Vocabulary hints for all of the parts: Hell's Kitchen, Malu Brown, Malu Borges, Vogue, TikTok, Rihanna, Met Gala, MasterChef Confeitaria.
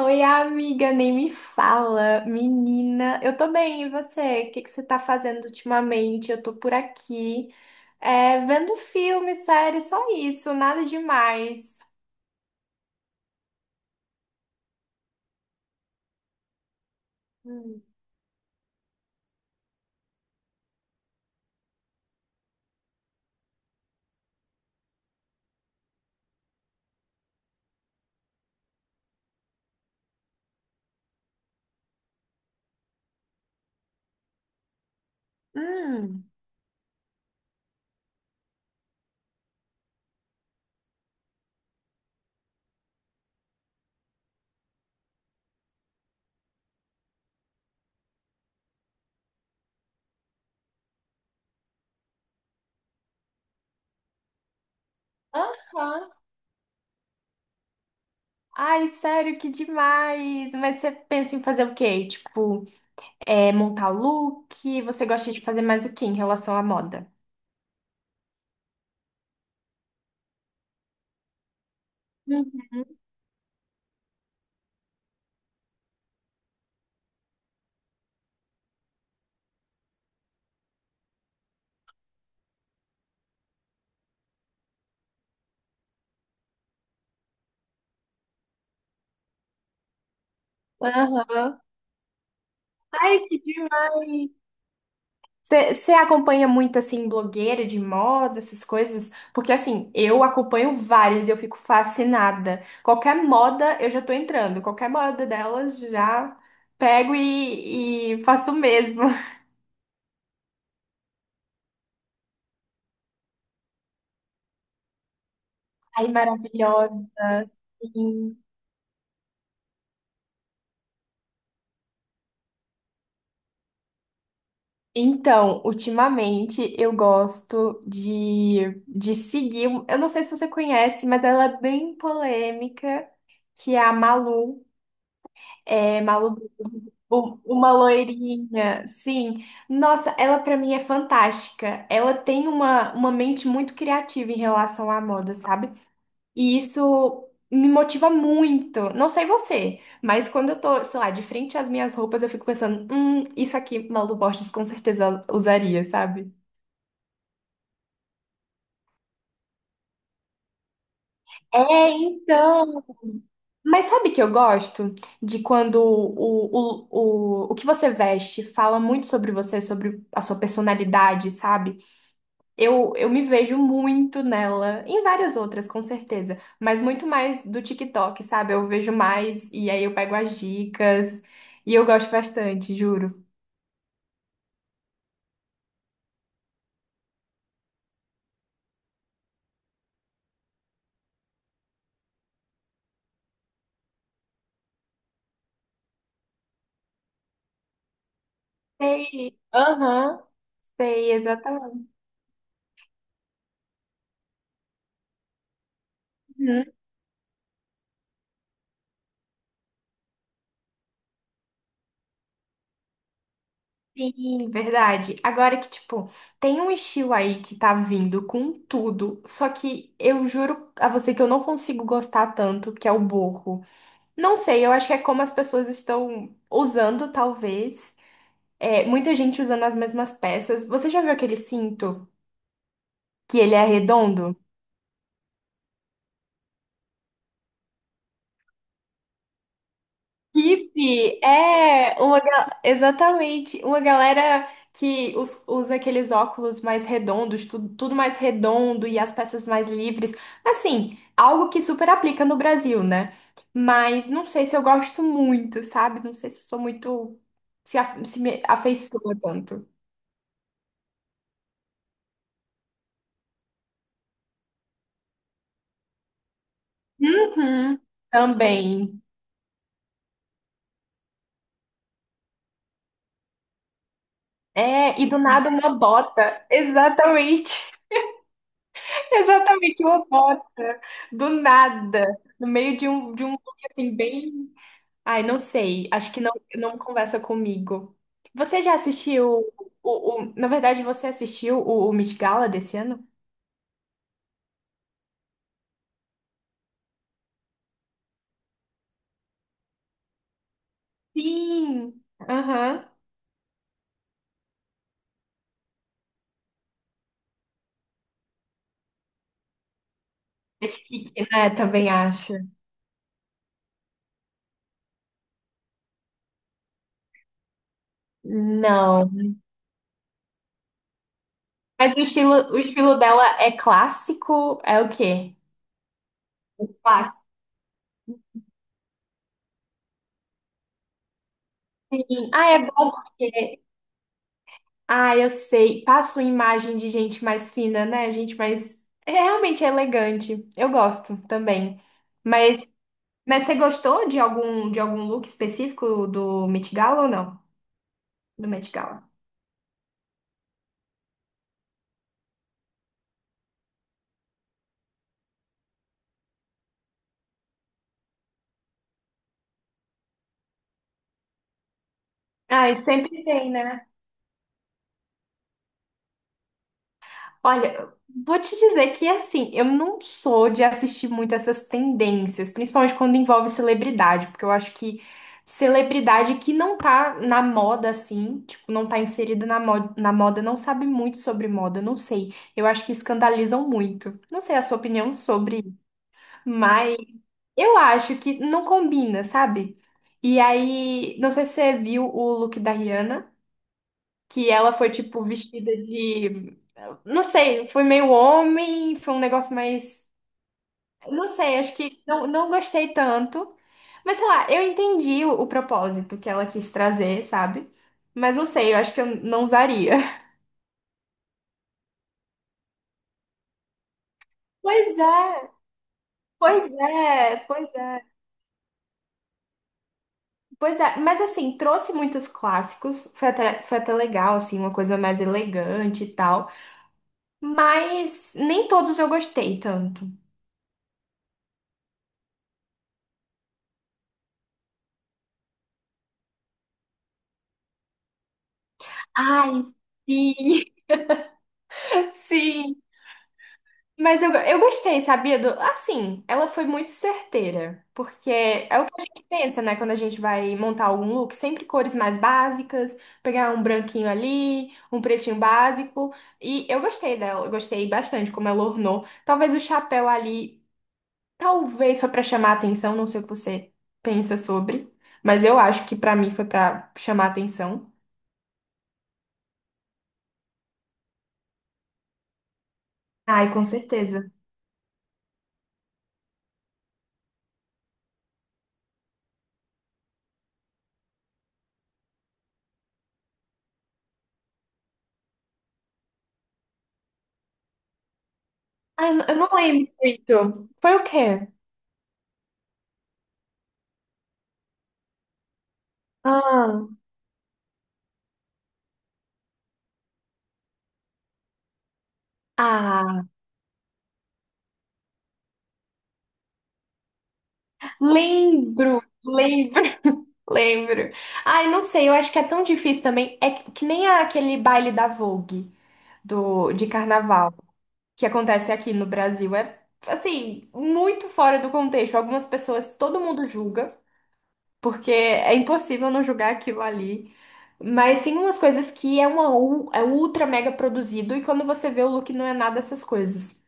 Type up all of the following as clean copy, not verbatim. Oi, amiga, nem me fala, menina. Eu tô bem, e você? O que que você tá fazendo ultimamente? Eu tô por aqui, vendo filme, série, só isso, nada demais. Hum. Hum, aham. Ai, sério, que demais! Mas você pensa em fazer o quê? Montar look? Você gosta de fazer mais o quê em relação à moda? Hum, Aham. Ai, que demais! Você acompanha muito, assim, blogueira de moda, essas coisas? Porque, assim, eu acompanho várias e eu fico fascinada. Qualquer moda, eu já tô entrando. Qualquer moda delas, já pego e faço o mesmo. Ai, maravilhosa. Sim. Então, ultimamente, eu gosto de seguir... Eu não sei se você conhece, mas ela é bem polêmica, que é a Malu. É, Malu Brown, uma loirinha, sim. Nossa, ela pra mim é fantástica. Ela tem uma mente muito criativa em relação à moda, sabe? E isso me motiva muito. Não sei você, mas quando eu tô, sei lá, de frente às minhas roupas, eu fico pensando, isso aqui Malu Borges com certeza usaria, sabe? É, então. Mas sabe que eu gosto de quando o que você veste fala muito sobre você, sobre a sua personalidade, sabe? Eu me vejo muito nela, em várias outras, com certeza, mas muito mais do TikTok, sabe? Eu vejo mais e aí eu pego as dicas e eu gosto bastante, juro. Sei, aham, sei, exatamente. Sim, verdade. Agora que, tipo, tem um estilo aí que tá vindo com tudo, só que eu juro a você que eu não consigo gostar tanto, que é o boho. Não sei, eu acho que é como as pessoas estão usando, talvez. É, muita gente usando as mesmas peças. Você já viu aquele cinto que ele é redondo? Hippie é uma ga- Exatamente uma galera que usa aqueles óculos mais redondos, tudo, tudo mais redondo e as peças mais livres. Assim, algo que super aplica no Brasil, né? Mas não sei se eu gosto muito, sabe? Não sei se eu sou muito se me afeiçoa tanto. Uhum, também. É, e do nada uma bota. Exatamente. Exatamente, uma bota, do nada, no meio de um look assim, bem. Ai, não sei, acho que não, não conversa comigo. Você já assistiu na verdade, você assistiu o Met Gala desse ano? Sim! Aham. É chique, né? Também acho. Não. Mas o estilo dela é clássico? É o quê? Clássico. Sim. Ah, é bom. Ah, eu sei. Passa uma imagem de gente mais fina, né? Gente mais. É realmente é elegante. Eu gosto também. Mas, mas você gostou de de algum look específico do Met Gala ou não? Do Met Gala. Ah, sempre tem, né? Olha, vou te dizer que assim, eu não sou de assistir muito essas tendências, principalmente quando envolve celebridade, porque eu acho que celebridade que não tá na moda assim, tipo, não tá inserida na moda, não sabe muito sobre moda, não sei. Eu acho que escandalizam muito. Não sei a sua opinião sobre, isso, mas eu acho que não combina, sabe? E aí, não sei se você viu o look da Rihanna que ela foi tipo vestida de, não sei, foi meio homem, foi um negócio mais, não sei, acho que não, não gostei tanto. Mas sei lá, eu entendi o propósito que ela quis trazer, sabe? Mas não sei, eu acho que eu não usaria. Pois é, pois é, pois é, pois é. Mas assim, trouxe muitos clássicos, foi até legal, assim, uma coisa mais elegante e tal. Mas nem todos eu gostei tanto. Ai, sim, sim. Mas eu gostei, sabia? Do, assim, ela foi muito certeira, porque é o que a gente pensa, né? Quando a gente vai montar algum look, sempre cores mais básicas, pegar um branquinho ali, um pretinho básico. E eu gostei dela, eu gostei bastante como ela ornou. Talvez o chapéu ali, talvez foi pra chamar atenção, não sei o que você pensa sobre, mas eu acho que pra mim foi pra chamar atenção. Ai, com certeza. Ai, eu não lembro muito. Foi o quê? Ah. Lembro, lembro, lembro. Ai, não sei, eu acho que é tão difícil também. É que nem aquele baile da Vogue de carnaval que acontece aqui no Brasil. É, assim, muito fora do contexto. Algumas pessoas, todo mundo julga, porque é impossível não julgar aquilo ali. Mas tem umas coisas que é é ultra mega produzido e quando você vê o look não é nada dessas coisas.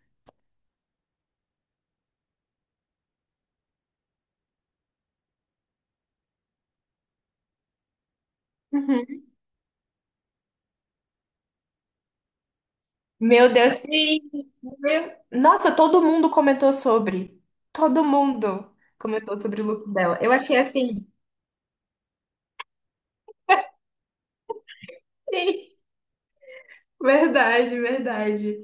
Meu Deus, sim. Meu- Nossa, todo mundo comentou sobre. Todo mundo comentou sobre o look dela. Eu achei assim. Sim, verdade, verdade.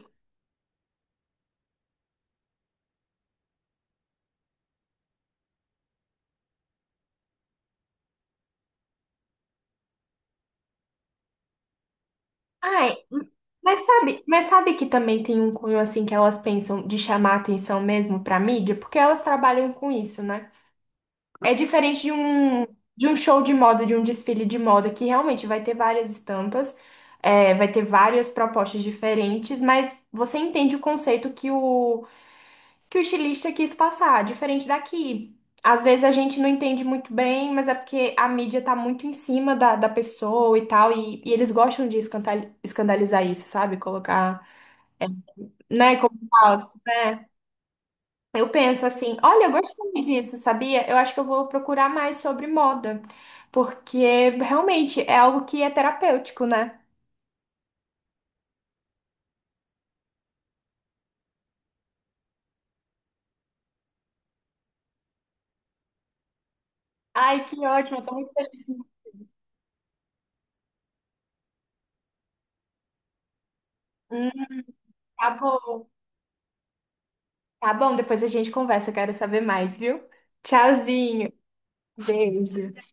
Ai, mas sabe que também tem um cunho assim que elas pensam de chamar atenção mesmo pra mídia, porque elas trabalham com isso, né? É diferente de um show de moda, de um desfile de moda, que realmente vai ter várias estampas, é, vai ter várias propostas diferentes, mas você entende o conceito que o estilista quis passar, diferente daqui. Às vezes a gente não entende muito bem, mas é porque a mídia tá muito em cima da pessoa e tal, e eles gostam de escandalizar isso, sabe? Colocar, é, né? Como fala, né? Eu penso assim, olha, eu gostei disso, sabia? Eu acho que eu vou procurar mais sobre moda, porque realmente é algo que é terapêutico, né? Ai, que ótimo, eu tô muito feliz. Hum, tá bom. Tá bom, depois a gente conversa, quero saber mais, viu? Tchauzinho. Beijo.